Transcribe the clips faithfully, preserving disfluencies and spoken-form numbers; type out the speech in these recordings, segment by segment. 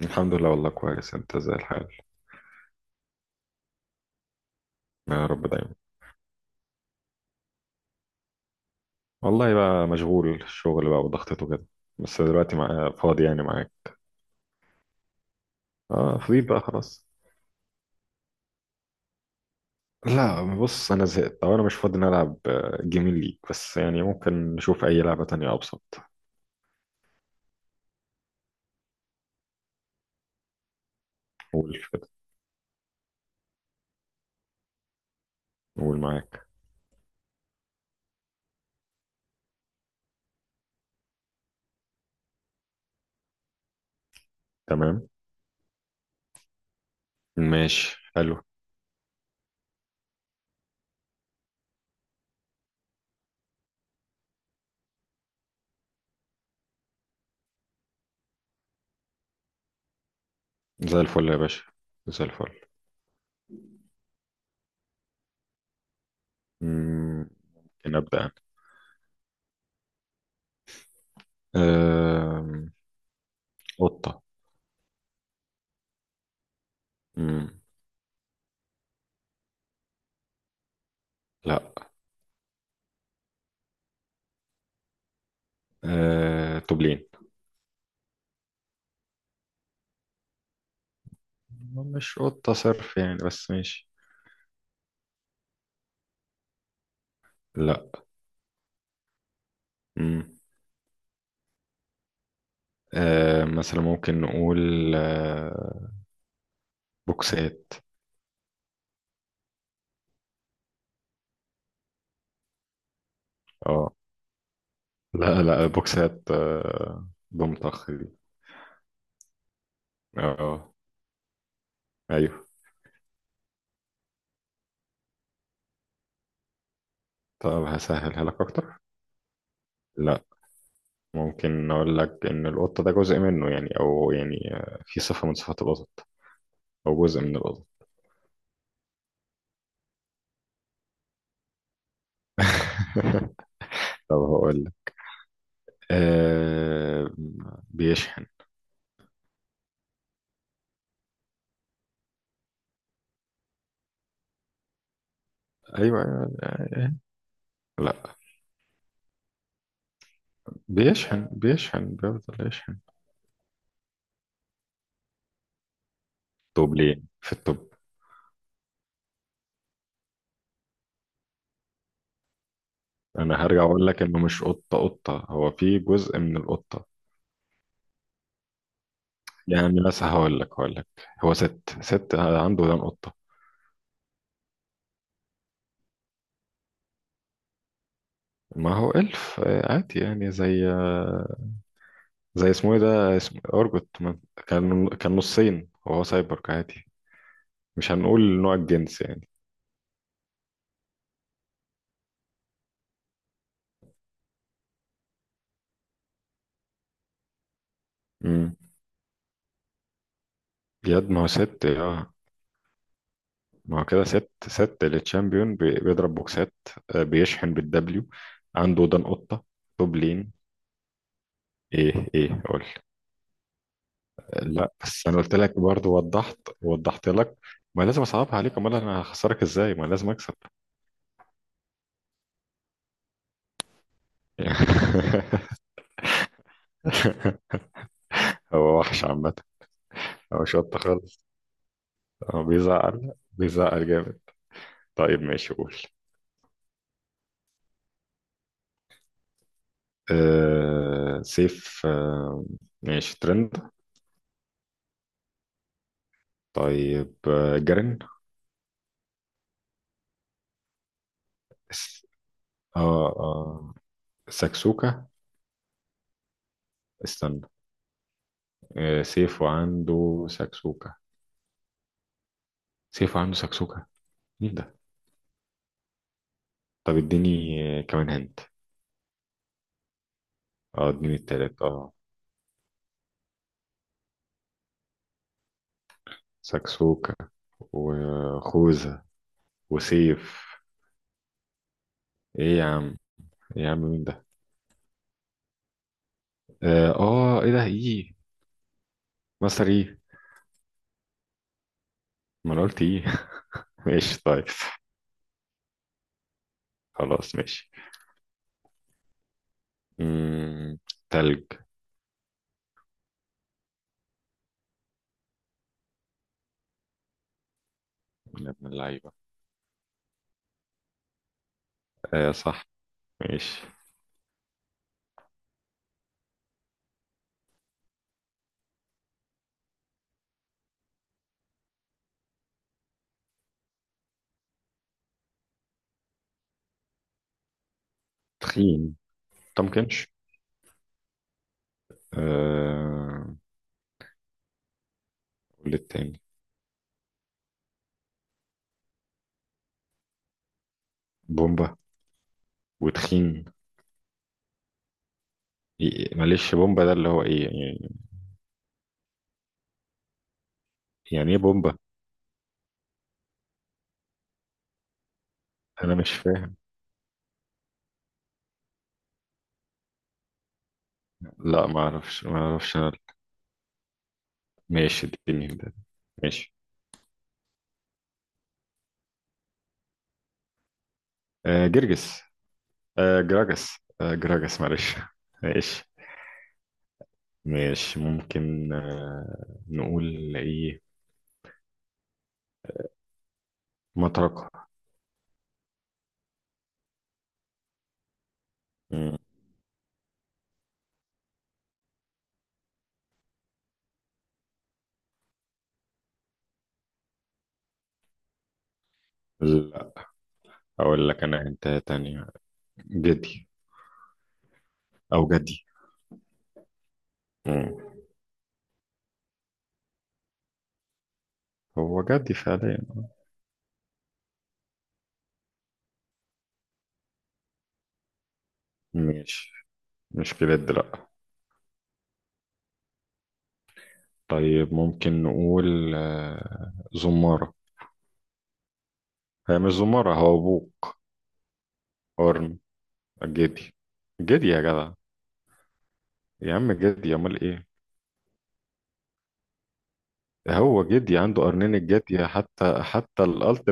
الحمد لله، والله كويس. انت زي الحال؟ يا رب دايما. والله بقى مشغول، الشغل بقى وضغطته كده. بس دلوقتي مع... فاضي يعني معاك. اه، فضيت بقى خلاص. لا بص، انا زهقت او انا مش فاضي نلعب آه، جيمين ليك، بس يعني ممكن نشوف اي لعبة تانية ابسط. قول كده. قول معاك. تمام. ماشي حلو. زي الفل يا باشا، زي الفل. مم، ممكن ابدا انا. آم، قطة. مم. لا. أه... توبلين. مش قطة صرف يعني، بس ماشي. لا. مم. آه مثلا ممكن نقول، آه بوكسات. اه. لا لا، بوكسات آه. ضمطخ دي. اه. ايوه. طب هسهلها لك اكتر. لا، ممكن اقول لك ان القطه ده جزء منه يعني، او يعني آه، في صفه من صفات القطط، او جزء من القطط. طب هقول لك، آه بيشحن. ايوه أيوة، آه، آه. لا، بيشحن بيشحن بيفضل يشحن. طوب ليه في الطب. انا هرجع اقول لك انه مش قطه قطه، هو في جزء من القطه. يعني مثلا هقول لك هقول لك، هو ست ست عنده ودان قطه. ما هو الف، آه، عادي يعني، زي آه، زي اسمه ايه ده، اسم ارجوت ما- كان كان نصين وهو سايبورغ عادي، مش هنقول نوع الجنس يعني. امم يد، ما هو ست اه ما هو كده ست، ست التشامبيون بي- بيضرب بوكسات. آه، بيشحن بالدبليو، عنده ودان قطه. طوب لين. ايه ايه قول. لا بس، انا قلت لك برضه، وضحت وضحت لك. ما لازم اصعبها عليك، امال انا هخسرك ازاي؟ ما لازم اكسب. هو وحش عامه، هو شط خالص، هو بيزعل بيزعل جامد. طيب ماشي، قول. آه سيف آه ماشي، ترند. طيب، آه جرين. اس- اه اه، ساكسوكا. استنى. آه سيف وعنده ساكسوكا، سيف وعنده ساكسوكا. مين ده؟ طب اديني آه، كمان هنت. اه، اديني التالت اه سكسوكة وخوذة وسيف. ايه يا عم؟ إيه يا عم، مين ده؟ اه آه، ايه ده، ايه؟ مصر ايه؟ ما انا قلت ايه. ماشي طيب. خلاص ماشي. مم. تلج. يا ابن اللعيبة. آه صح، ماشي. تخين، متمكنش. آه والتاني؟ بومبا وتخين. إيه- معلش، بومبا ده اللي هو ايه يعني؟ يعني ايه بومبا؟ انا مش فاهم. لا، ما اعرفش ما اعرفش انا. ماشي اديني ده. ماشي. آه جرجس. آه جراجس آه جراجس معلش. ماشي. ماشي ممكن آه نقول ايه؟ مطرقة. مم. لا، اقول لك انا انت تانية. جدي، او جدي. مم. هو جدي فعليا. ماشي. مش بجد، لا. طيب ممكن نقول آه زمارة. هي مش زمارة، هو ابوك قرن. جدي. جدي يا جدع. يا عم جدي، امال ايه؟ هو جدي عنده قرنين، الجدي، حتى حتى القلط.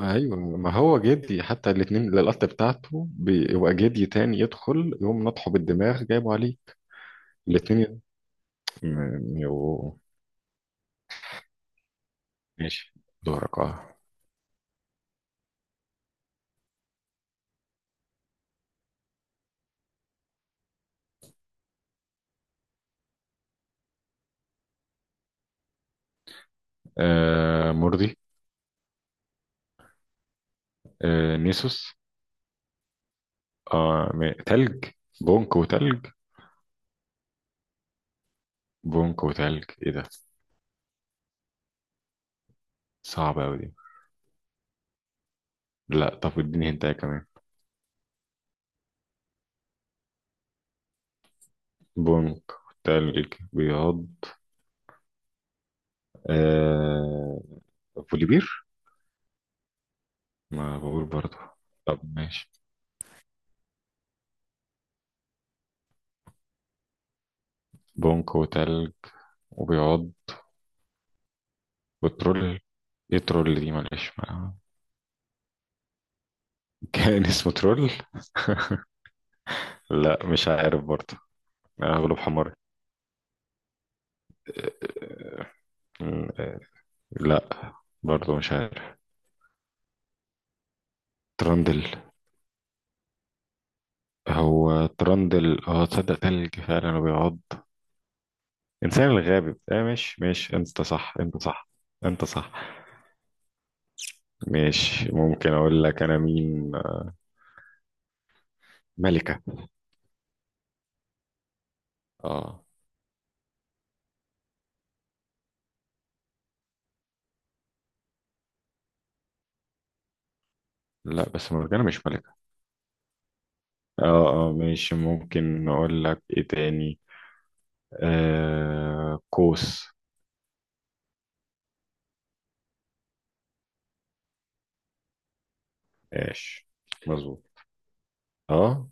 ايوه، ما هو جدي، حتى الاتنين للقط بتاعته بيبقى جدي تاني يدخل يقوم نطحه بالدماغ جايبه عليه. الاتنين م- يبقوا. ماشي، دورك اه آه، مرضي. آه نيسوس. آه م- تلج. بونك وتلج. بونك وتلج، ايه ده؟ صعبة اوي دي. لا، طب اديني هنتايه كمان. بونك، تلج، بياض. آه بوليبير. ما بقول برضه. طب ماشي. بونك وتلج وبياض. بترول. ايه ترول دي؟ معلش ما- كان اسمه ترول. لا مش عارف برضه. انا غلوب حمار. م- لا، برضه مش عارف. ترندل. هو ترندل اه تصدق تلج فعلا وبيعض. انسان الغابي اه مش مش انت صح، انت صح، انت صح. مش ممكن اقول لك انا مين. ملكة. اه. لا بس مرجانة مش ملكة. اه اه، مش ممكن اقول لك ايه تاني. آه كوس. ماشي، مظبوط. اه.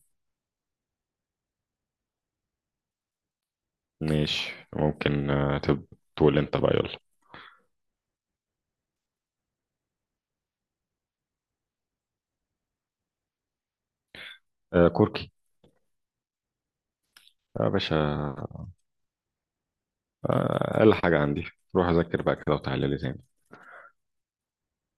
ماشي ممكن آه، تب- تقول انت بقى يلا. آه كركي يا باشا. آه، اقل حاجة عندي. روح اذاكر بقى كده وتعالى لي تاني.